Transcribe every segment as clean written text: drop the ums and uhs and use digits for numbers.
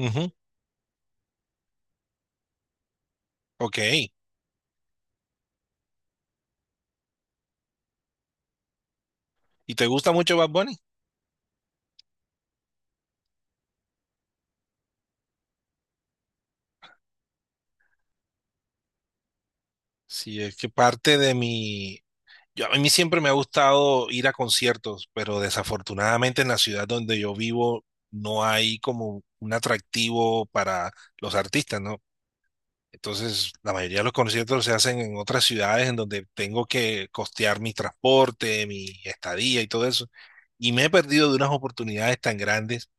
Ujú, Ok. ¿Y te gusta mucho Bad Bunny? Sí, es que parte de mi. A mí siempre me ha gustado ir a conciertos, pero desafortunadamente en la ciudad donde yo vivo no hay como un atractivo para los artistas, ¿no? Entonces, la mayoría de los conciertos se hacen en otras ciudades en donde tengo que costear mi transporte, mi estadía y todo eso. Y me he perdido de unas oportunidades tan grandes.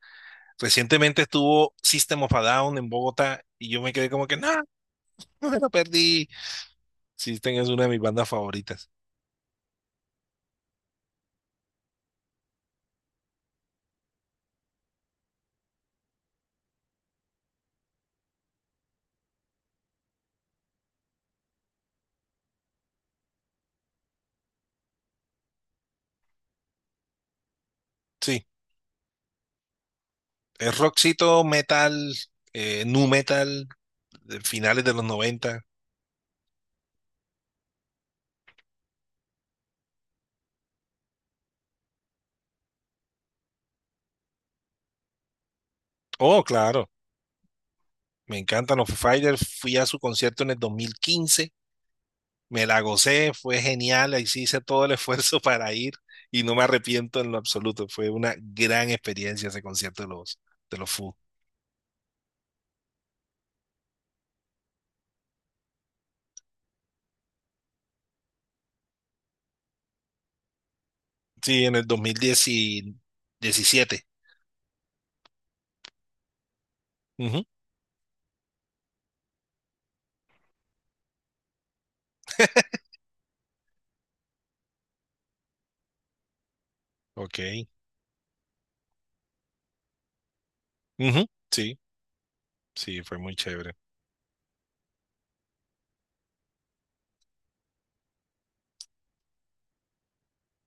Recientemente estuvo System of a Down en Bogotá y yo me quedé como que no. Lo perdí. Sí, tengas una de mis bandas favoritas. Sí, es rockcito, metal, nu metal, de finales de los 90. Oh, claro, me encantan los Foo Fighters. Fui a su concierto en el 2015. Me la gocé, fue genial. Ahí sí hice todo el esfuerzo para ir y no me arrepiento en lo absoluto. Fue una gran experiencia ese concierto de los Foo. Sí, en el dos mil diecisiete. Ujú, Ok. Ujú, Sí, sí, fue muy chévere.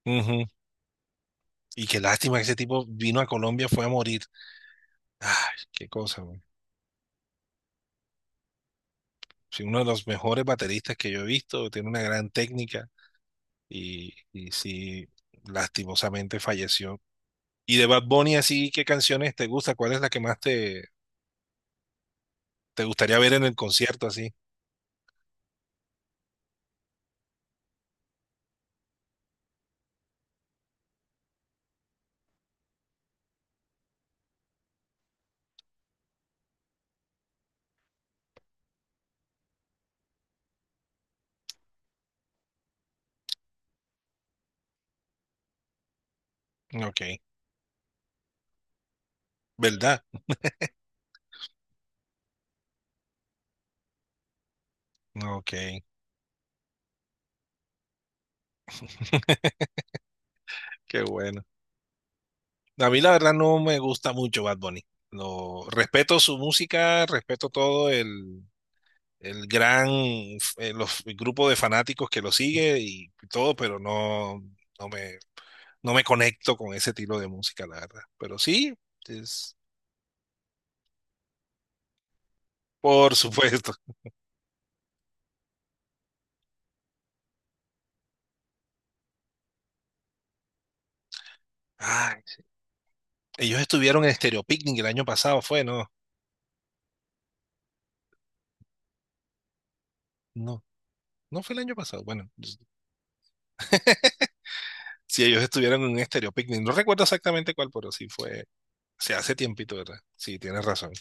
Ujú. Y qué lástima que ese tipo vino a Colombia, fue a morir. Ay, qué cosa, man. Sí, uno de los mejores bateristas que yo he visto, tiene una gran técnica y sí, lastimosamente falleció. Y de Bad Bunny, así, ¿qué canciones te gusta? ¿Cuál es la que más te gustaría ver en el concierto, así? Ok, ¿verdad? Ok, qué bueno. A mí la verdad no me gusta mucho Bad Bunny. Respeto su música, respeto todo el gran el grupo de fanáticos que lo sigue y todo, pero no, no me, no me conecto con ese estilo de música, la verdad. Pero sí, es, por supuesto. Ay, ellos estuvieron en Stereo Picnic el año pasado, fue, no, no, no fue el año pasado. Bueno, si ellos estuvieron en un Stereo Picnic, no recuerdo exactamente cuál, pero sí fue, se hace tiempito, ¿verdad? Sí, tienes razón.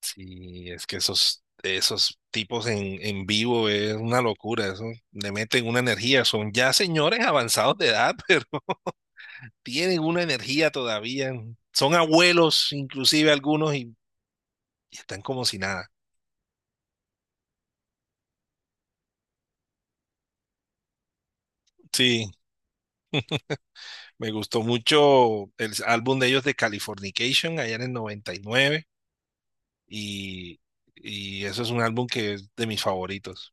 Sí, es que esos tipos en vivo es una locura, eso le meten una energía, son ya señores avanzados de edad, pero tienen una energía todavía, son abuelos inclusive algunos y están como si nada. Sí, me gustó mucho el álbum de ellos de Californication allá en el 99 y, nueve y eso es un álbum que es de mis favoritos.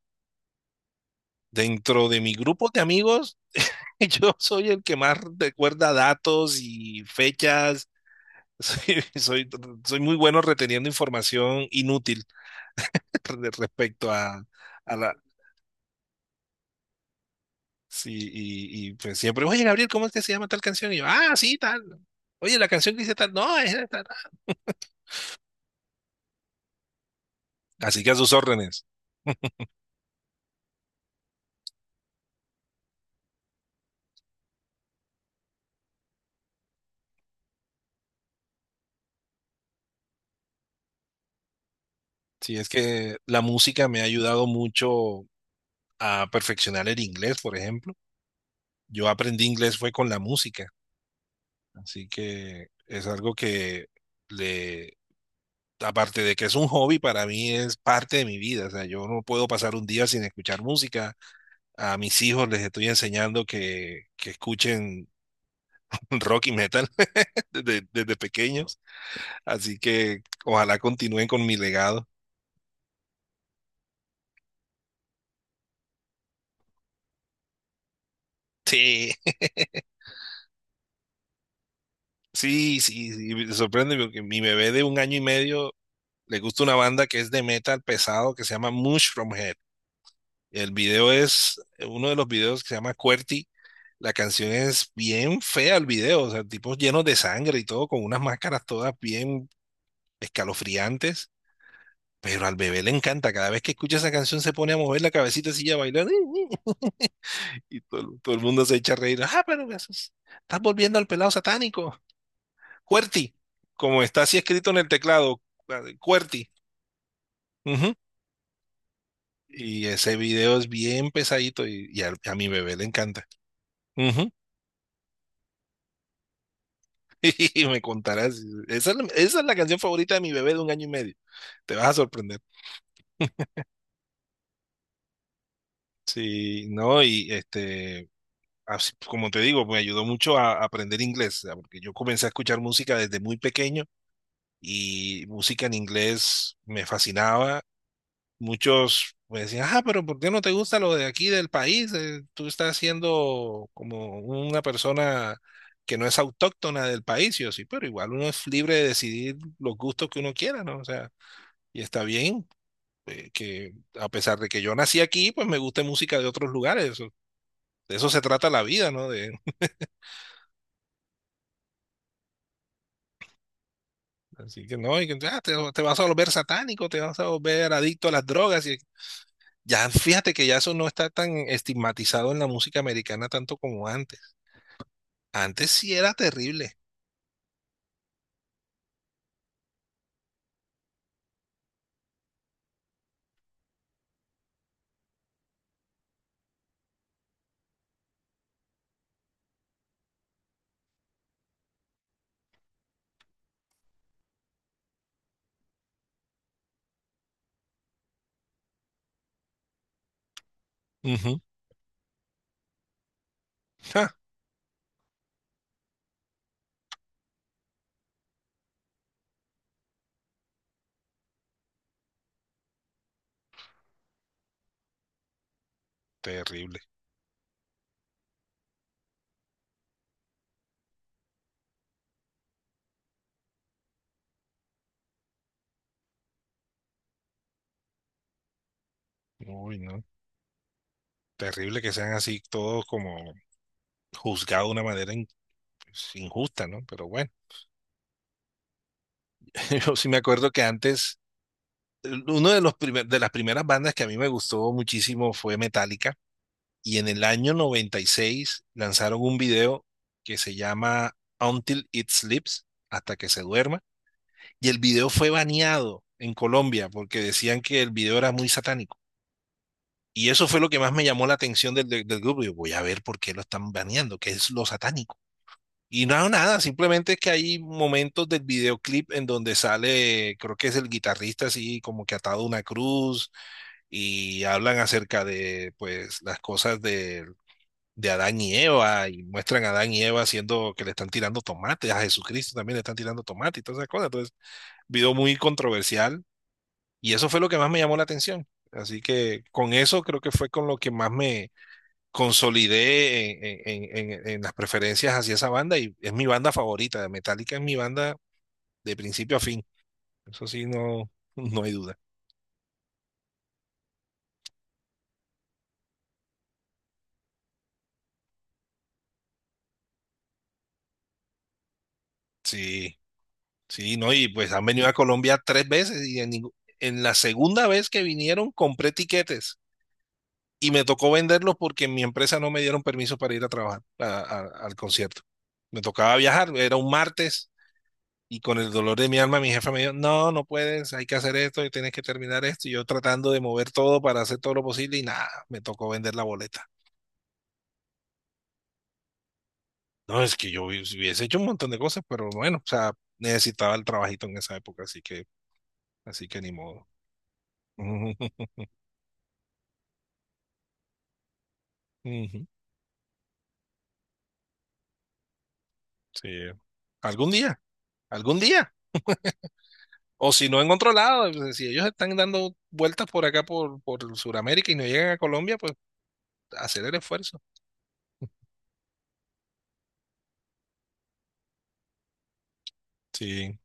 Dentro de mi grupo de amigos, yo soy el que más recuerda datos y fechas. Soy, soy, soy muy bueno reteniendo información inútil de respecto a la. Sí, pues siempre, oye, Gabriel, ¿cómo es que se llama tal canción? Y yo, ah, sí, tal. Oye, la canción que dice tal, no, es tal. Tal. Así que a sus órdenes. Sí, es que la música me ha ayudado mucho a perfeccionar el inglés, por ejemplo. Yo aprendí inglés fue con la música, así que es algo que le, aparte de que es un hobby, para mí es parte de mi vida. O sea, yo no puedo pasar un día sin escuchar música. A mis hijos les estoy enseñando que escuchen rock y metal desde pequeños, así que ojalá continúen con mi legado. Sí, sí, sí, sí, me sorprende porque mi bebé de un año y medio le gusta una banda que es de metal pesado que se llama Mushroomhead. El video es uno de los videos que se llama QWERTY. La canción es bien fea el video, o sea, tipos llenos de sangre y todo, con unas máscaras todas bien escalofriantes. Pero al bebé le encanta, cada vez que escucha esa canción se pone a mover la cabecita así y a bailar. Y todo, todo el mundo se echa a reír. Ah, pero estás volviendo al pelado satánico. QWERTY, como está así escrito en el teclado, QWERTY. Ujú. Y ese video es bien pesadito y, mi bebé le encanta. Ujú. Y me contarás. Esa es, esa es la canción favorita de mi bebé de un año y medio. Te vas a sorprender. Sí, no, y este, así, pues, como te digo, me ayudó mucho a aprender inglés, ¿sabes? Porque yo comencé a escuchar música desde muy pequeño y música en inglés me fascinaba. Muchos me decían, ah, pero ¿por qué no te gusta lo de aquí del país? Tú estás siendo como una persona que no es autóctona del país. Y yo sí, pero igual uno es libre de decidir los gustos que uno quiera, ¿no? O sea, y está bien. Que a pesar de que yo nací aquí, pues me gusta música de otros lugares. De eso se trata la vida, ¿no? Así que no, y que, ah, te vas a volver satánico, te vas a volver adicto a las drogas. Y ya fíjate que ya eso no está tan estigmatizado en la música americana tanto como antes. Antes sí era terrible. Ujú. Ja, terrible. Uy, no. Terrible que sean así todos como juzgados de una manera in- pues, injusta, ¿no? Pero bueno, yo sí me acuerdo que antes, uno de los primer- de las primeras bandas que a mí me gustó muchísimo fue Metallica. Y en el año 96 lanzaron un video que se llama Until It Sleeps, hasta que se duerma. Y el video fue baneado en Colombia porque decían que el video era muy satánico. Y eso fue lo que más me llamó la atención del grupo. Yo voy a ver por qué lo están baneando, qué es lo satánico. Y no, nada, simplemente es que hay momentos del videoclip en donde sale, creo que es el guitarrista así como que atado a una cruz y hablan acerca de pues las cosas de Adán y Eva y muestran a Adán y Eva haciendo que le están tirando tomates, a Jesucristo también le están tirando tomate y todas esas cosas. Entonces, video muy controversial y eso fue lo que más me llamó la atención. Así que con eso creo que fue con lo que más me consolidé en las preferencias hacia esa banda y es mi banda favorita. Metallica es mi banda de principio a fin. Eso sí, no, no hay duda. Sí, sí, no, y pues han venido a Colombia tres veces y en la segunda vez que vinieron compré tiquetes. Y me tocó venderlos porque en mi empresa no me dieron permiso para ir a trabajar al concierto. Me tocaba viajar, era un martes y con el dolor de mi alma mi jefe me dijo, no, no puedes, hay que hacer esto y tienes que terminar esto. Y yo tratando de mover todo para hacer todo lo posible y nada, me tocó vender la boleta. No, es que yo hubiese hecho un montón de cosas, pero bueno, o sea, necesitaba el trabajito en esa época, así que ni modo. Ujú, Sí. Algún día, algún día. O si no en otro lado, pues, si ellos están dando vueltas por acá, por Sudamérica y no llegan a Colombia, pues hacer el esfuerzo. Sí.